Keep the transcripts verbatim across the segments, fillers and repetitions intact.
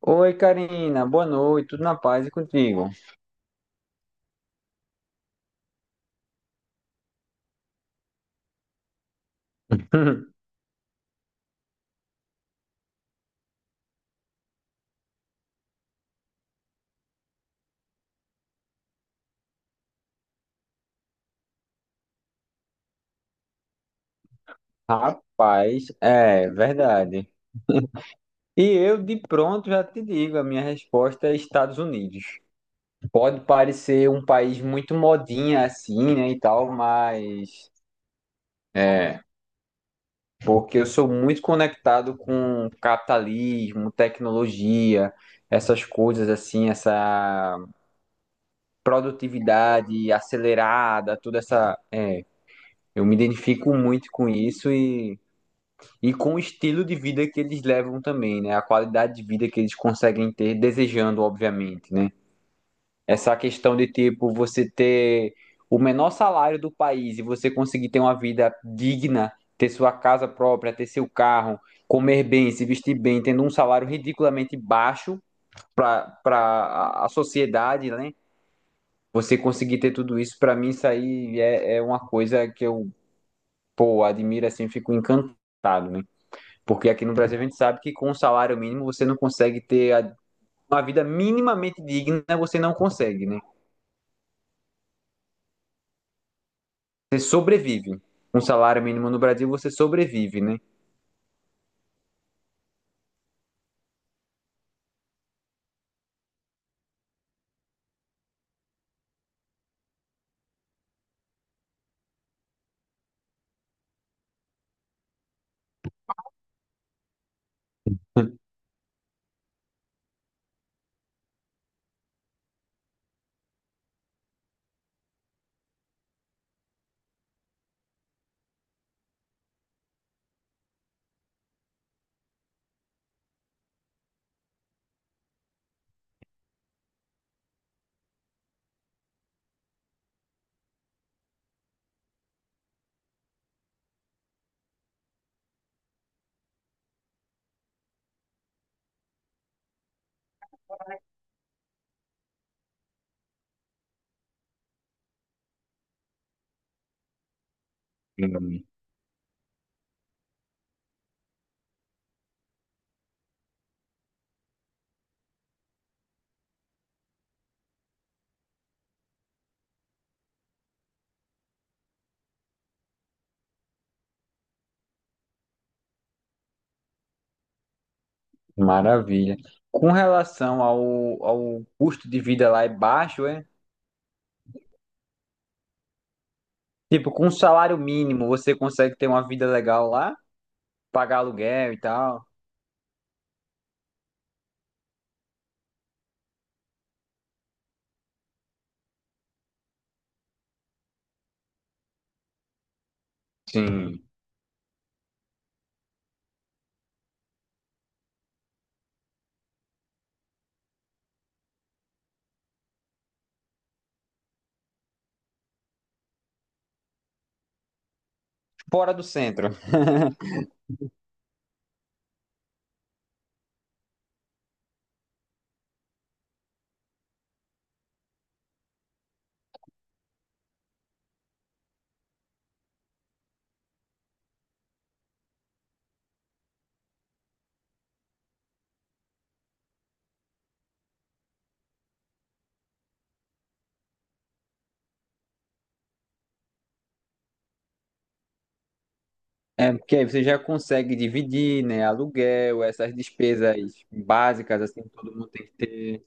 Oi, Karina, boa noite, tudo na paz e contigo? Rapaz, é verdade. E eu de pronto já te digo, a minha resposta é Estados Unidos. Pode parecer um país muito modinha assim, né, e tal, mas é, porque eu sou muito conectado com capitalismo, tecnologia, essas coisas assim, essa produtividade acelerada, toda essa, é, eu me identifico muito com isso. E com o estilo de vida que eles levam também, né? A qualidade de vida que eles conseguem ter, desejando, obviamente, né? Essa questão de, tipo, você ter o menor salário do país e você conseguir ter uma vida digna, ter sua casa própria, ter seu carro, comer bem, se vestir bem, tendo um salário ridiculamente baixo para para a sociedade, né? Você conseguir ter tudo isso, para mim, isso aí é, é uma coisa que eu, pô, admiro assim, fico encantado, né? Porque aqui no Brasil a gente sabe que com o salário mínimo você não consegue ter a- uma vida minimamente digna, você não consegue, né? Você sobrevive. Com salário mínimo no Brasil você sobrevive, né? Hum. Maravilha. Com relação ao, ao custo de vida lá é baixo, é? Tipo, com salário mínimo você consegue ter uma vida legal lá, pagar aluguel e tal. Sim. Fora do centro. É, porque aí você já consegue dividir, né? Aluguel, essas despesas básicas, assim, que todo mundo tem que ter.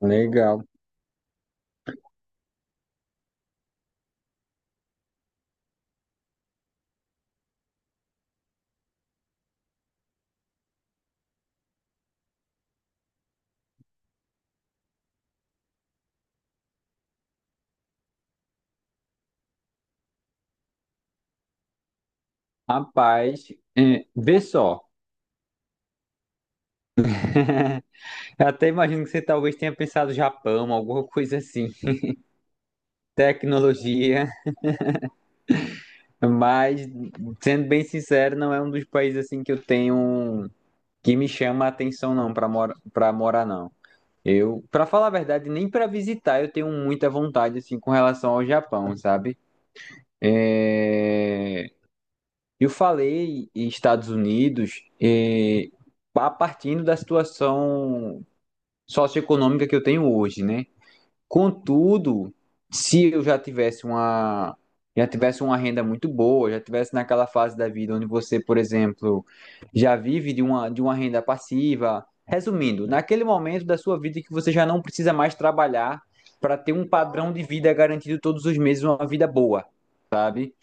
Legal. Rapaz, é, vê só. Eu até imagino que você talvez tenha pensado Japão, alguma coisa assim, tecnologia, mas sendo bem sincero, não é um dos países assim que eu tenho que me chama a atenção não para mora, para morar não. Eu, para falar a verdade, nem para visitar eu tenho muita vontade assim com relação ao Japão, sabe? É, Eu falei em Estados Unidos, é, pa- partindo da situação socioeconômica que eu tenho hoje, né? Contudo, se eu já tivesse uma já tivesse uma renda muito boa, já tivesse naquela fase da vida onde você, por exemplo, já vive de uma de uma renda passiva, resumindo, naquele momento da sua vida que você já não precisa mais trabalhar para ter um padrão de vida garantido todos os meses, uma vida boa, sabe?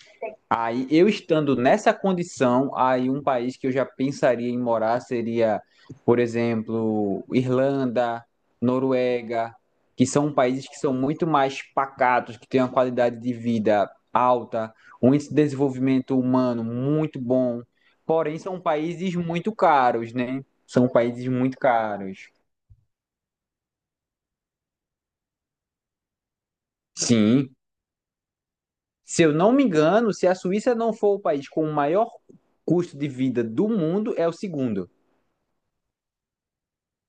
Aí, eu estando nessa condição, aí um país que eu já pensaria em morar seria, por exemplo, Irlanda, Noruega, que são países que são muito mais pacatos, que têm uma qualidade de vida alta, um índice de desenvolvimento humano muito bom. Porém, são países muito caros, né? São países muito caros. Sim. Se eu não me engano, se a Suíça não for o país com o maior custo de vida do mundo, é o segundo.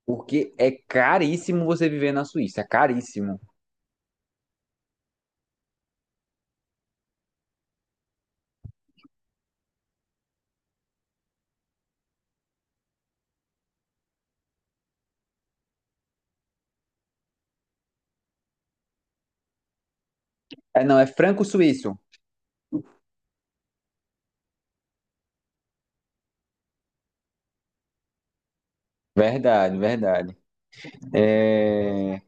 Porque é caríssimo você viver na Suíça, é caríssimo. É, não, é franco-suíço. Verdade, verdade. É,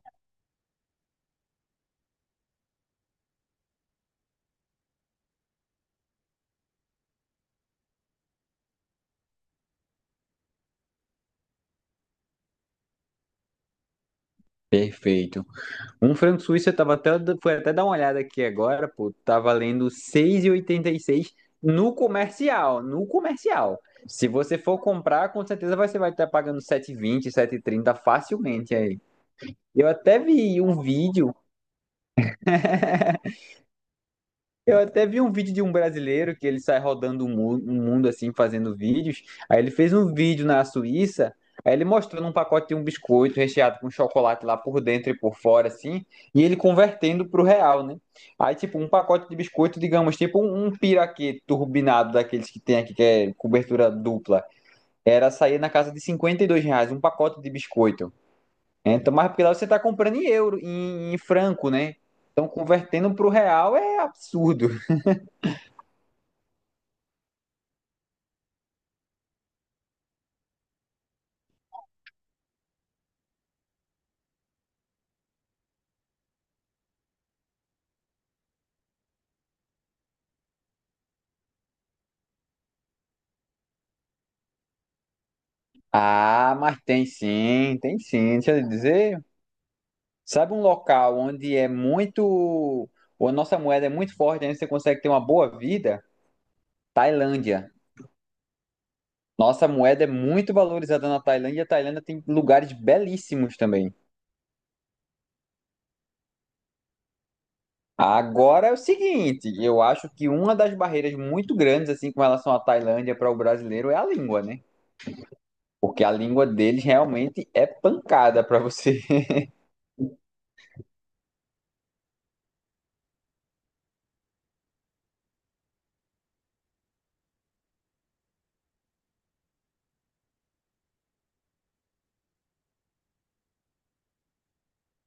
perfeito. Um franco-suíço eu tava até, fui até dar uma olhada aqui agora, pô, tá valendo seis e oitenta e seis no comercial, no comercial. Se você for comprar, com certeza você vai estar pagando sete e vinte, sete e trinta facilmente aí. Eu até vi um vídeo Eu até vi um vídeo de um brasileiro que ele sai rodando o mu- o mundo assim, fazendo vídeos. Aí ele fez um vídeo na Suíça, aí ele mostrando um pacote de um biscoito recheado com chocolate lá por dentro e por fora, assim, e ele convertendo pro real, né? Aí, tipo, um pacote de biscoito, digamos, tipo um, um piraquê turbinado daqueles que tem aqui, que é cobertura dupla, era sair na casa de cinquenta e dois reais, um pacote de biscoito. Então, mas porque lá você tá comprando em euro, em, em franco, né? Então, convertendo pro real é absurdo. Ah, mas tem sim, tem sim. Deixa eu dizer, sabe um local onde é muito, ou a nossa moeda é muito forte, onde você consegue ter uma boa vida? Tailândia. Nossa moeda é muito valorizada na Tailândia. A Tailândia tem lugares belíssimos também. Agora é o seguinte, eu acho que uma das barreiras muito grandes assim com relação à Tailândia para o brasileiro é a língua, né? Porque a língua deles realmente é pancada para você.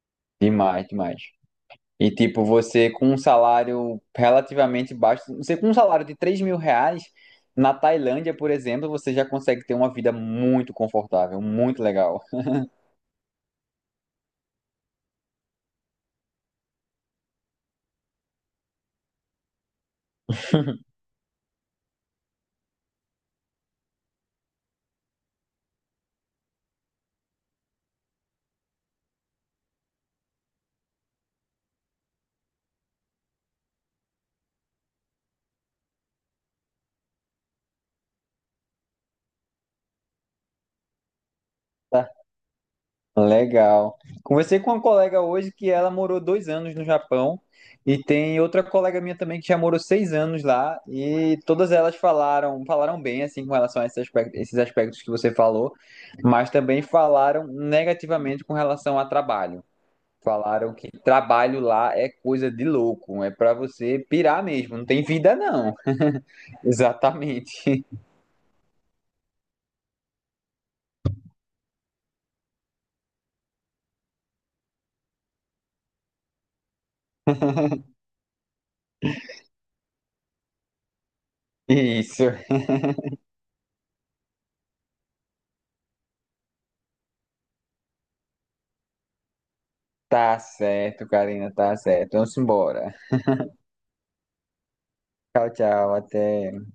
Demais, demais. E tipo, você com um salário relativamente baixo, você com um salário de três mil reais, na Tailândia, por exemplo, você já consegue ter uma vida muito confortável, muito legal. Tá. Legal. Conversei com uma colega hoje que ela morou dois anos no Japão e tem outra colega minha também que já morou seis anos lá e todas elas falaram falaram bem assim com relação a esses aspectos, esses aspectos que você falou, mas também falaram negativamente com relação a trabalho. Falaram que trabalho lá é coisa de louco, é pra você pirar mesmo, não tem vida não. Exatamente. Isso. Tá certo, Karina, tá certo. Vamos embora. Tchau, tchau, até.